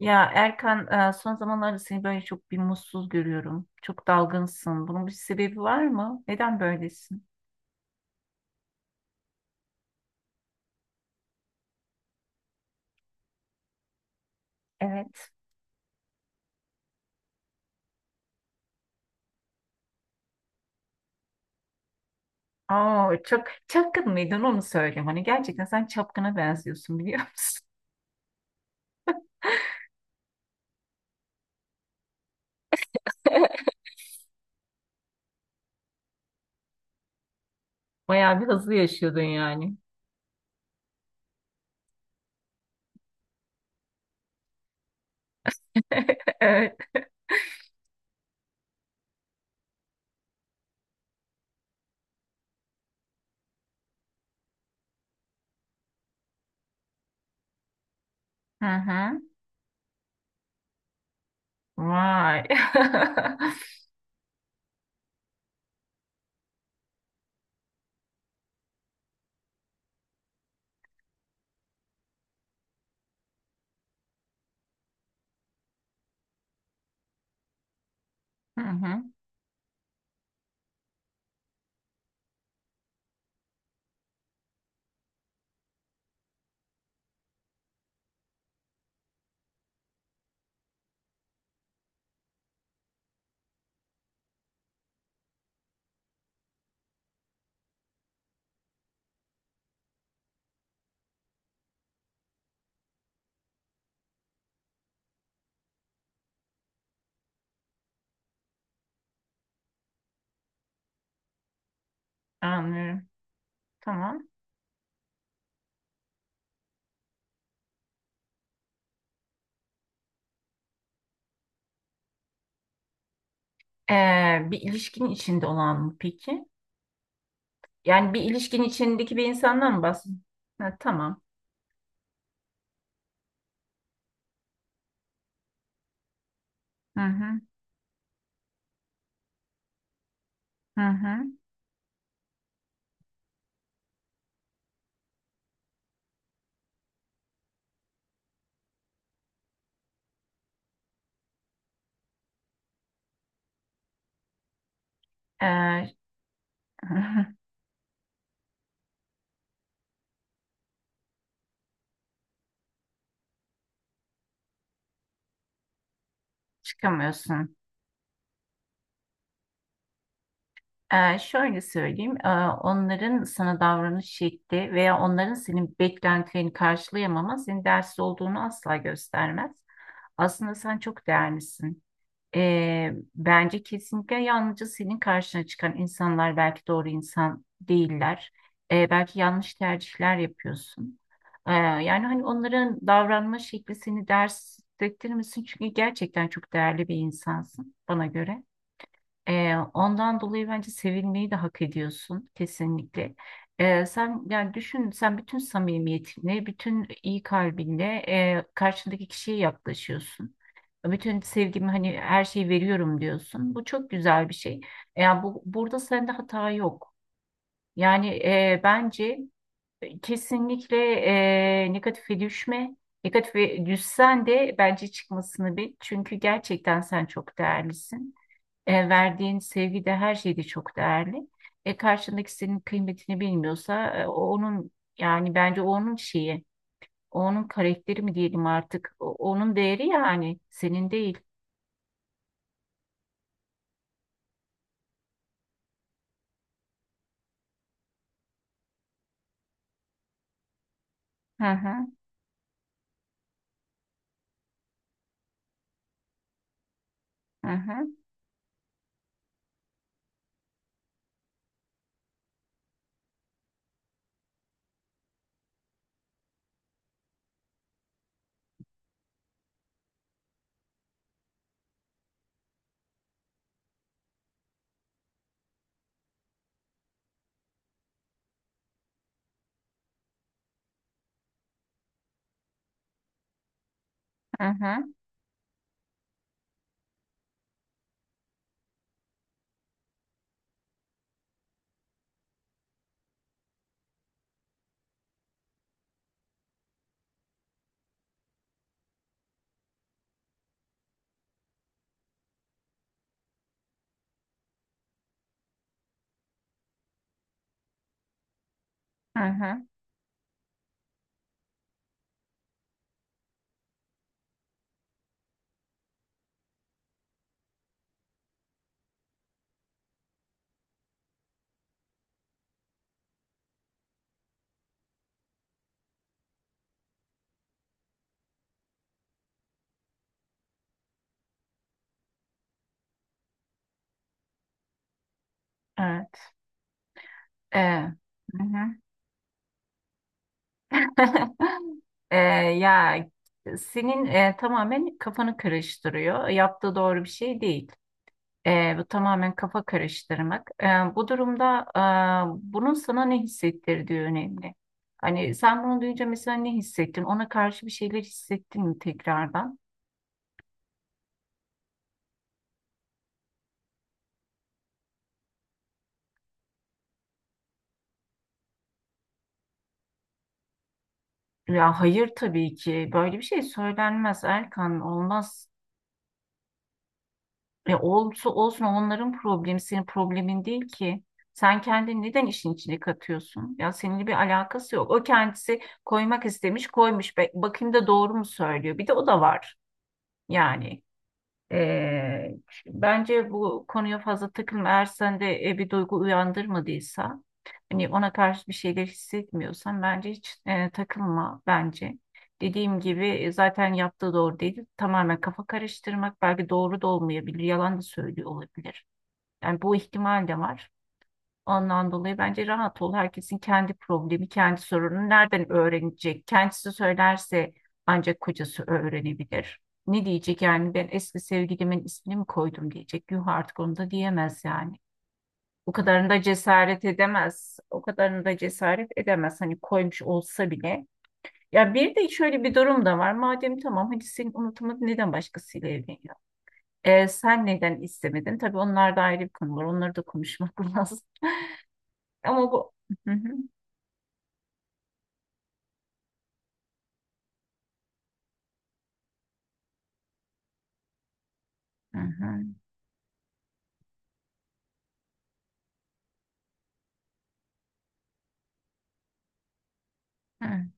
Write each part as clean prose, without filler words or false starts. Ya Erkan, son zamanlarda seni böyle çok bir mutsuz görüyorum. Çok dalgınsın. Bunun bir sebebi var mı? Neden böylesin? Evet. Aa, çok çapkın mıydın onu söyleyeyim. Hani gerçekten sen çapkına benziyorsun biliyor musun? Bayağı bir hızlı yaşıyordun yani. Evet. Hı hı. Vay. Hı hı. Anlıyorum. Tamam. Bir ilişkinin içinde olan mı peki? Yani bir ilişkinin içindeki bir insandan mı bahsediyorsun? Ha, tamam. Hı hı. Hı hı. Ee, Çıkamıyorsun. Şöyle söyleyeyim, onların sana davranış şekli veya onların senin beklentilerini karşılayamama senin değersiz olduğunu asla göstermez. Aslında sen çok değerlisin. Bence kesinlikle yalnızca senin karşına çıkan insanlar belki doğru insan değiller. Belki yanlış tercihler yapıyorsun. Yani hani onların davranma şekli seni değersiz hissettirmesin çünkü gerçekten çok değerli bir insansın bana göre. Ondan dolayı bence sevilmeyi de hak ediyorsun kesinlikle. Sen yani düşün sen bütün samimiyetinle, bütün iyi kalbinle karşındaki kişiye yaklaşıyorsun. Bütün sevgimi hani her şeyi veriyorum diyorsun. Bu çok güzel bir şey. Yani bu burada sende hata yok. Yani bence kesinlikle negatife düşme. Negatife düşsen de bence çıkmasını bil. Çünkü gerçekten sen çok değerlisin. Verdiğin sevgi de her şeyde çok değerli. Karşındaki senin kıymetini bilmiyorsa o onun yani bence o onun şeyi, o onun karakteri mi diyelim artık, onun değeri yani senin değil. Hı hı, hı hı, hı hı, hı hı. Evet. E, hı hı. E, ya senin tamamen kafanı karıştırıyor. Yaptığı doğru bir şey değil. Bu tamamen kafa karıştırmak. Bu durumda bunun sana ne hissettirdiği önemli. Hani sen bunu duyunca mesela ne hissettin? Ona karşı bir şeyler hissettin mi tekrardan? Ya hayır tabii ki. Böyle bir şey söylenmez Erkan. Olmaz. E olsun olsun onların problemi senin problemin değil ki. Sen kendini neden işin içine katıyorsun? Ya seninle bir alakası yok. O kendisi koymak istemiş, koymuş. Bakayım da doğru mu söylüyor? Bir de o da var yani. Ee, Bence bu konuya fazla takılma. Eğer sende bir duygu uyandırmadıysa, hani ona karşı bir şeyler hissetmiyorsan bence hiç takılma bence. Dediğim gibi zaten yaptığı doğru değil. Tamamen kafa karıştırmak belki doğru da olmayabilir, yalan da söylüyor olabilir. Yani bu ihtimal de var. Ondan dolayı bence rahat ol. Herkesin kendi problemi, kendi sorunu nereden öğrenecek? Kendisi söylerse ancak kocası öğrenebilir. Ne diyecek yani ben eski sevgilimin ismini mi koydum diyecek. Yuh artık onu da diyemez yani. O kadarını da cesaret edemez. O kadarını da cesaret edemez. Hani koymuş olsa bile. Ya bir de şöyle bir durum da var. Madem tamam hadi senin unutmadın neden başkasıyla evleniyor? Sen neden istemedin? Tabii onlar da ayrı bir konu var. Onları da konuşmak lazım. Ama bu... Hı hı. Hı hı, hı,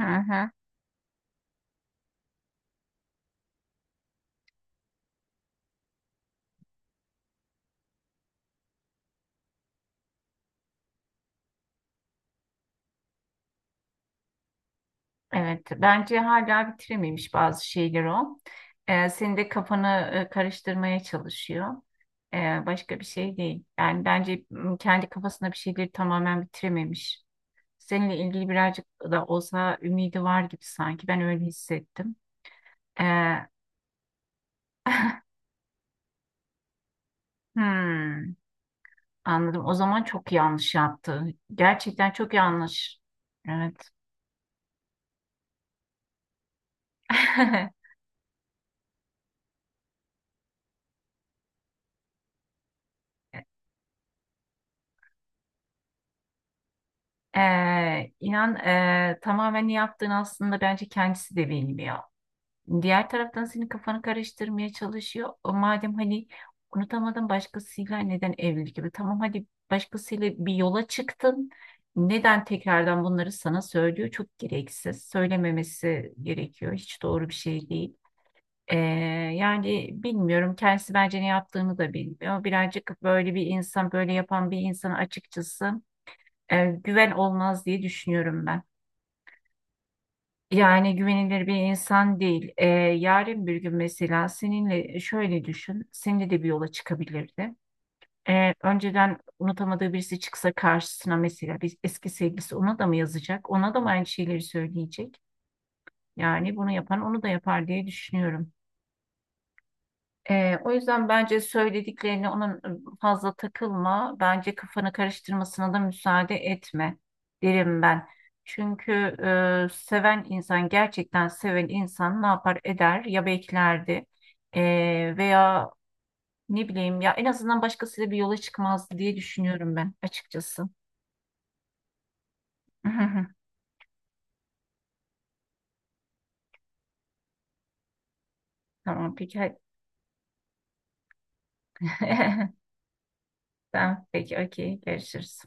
hı hı. Evet, bence hala bitirememiş bazı şeyler o. Senin de kafanı karıştırmaya çalışıyor. Başka bir şey değil. Yani bence kendi kafasında bir şeyleri tamamen bitirememiş. Seninle ilgili birazcık da olsa ümidi var gibi sanki. Ben öyle hissettim. Ee, hmm, anladım. O zaman çok yanlış yaptı. Gerçekten çok yanlış. Evet. İnan tamamen ne yaptığın aslında bence kendisi de bilmiyor. Diğer taraftan senin kafanı karıştırmaya çalışıyor. O madem hani unutamadın başkasıyla neden evlilik gibi? Tamam hadi başkasıyla bir yola çıktın. Neden tekrardan bunları sana söylüyor? Çok gereksiz. Söylememesi gerekiyor. Hiç doğru bir şey değil. Ee, Yani bilmiyorum. Kendisi bence ne yaptığını da bilmiyor. Birazcık böyle bir insan, böyle yapan bir insan açıkçası güven olmaz diye düşünüyorum ben. Yani güvenilir bir insan değil. Yarın bir gün mesela seninle şöyle düşün, seninle de bir yola çıkabilirdi. Önceden unutamadığı birisi çıksa karşısına mesela bir eski sevgilisi ona da mı yazacak? Ona da mı aynı şeyleri söyleyecek? Yani bunu yapan onu da yapar diye düşünüyorum. O yüzden bence söylediklerine onun fazla takılma. Bence kafanı karıştırmasına da müsaade etme derim ben. Çünkü seven insan, gerçekten seven insan ne yapar eder? Ya beklerdi veya ne bileyim ya en azından başkasıyla bir yola çıkmazdı diye düşünüyorum ben açıkçası. Tamam peki hadi. Tamam peki okey görüşürüz.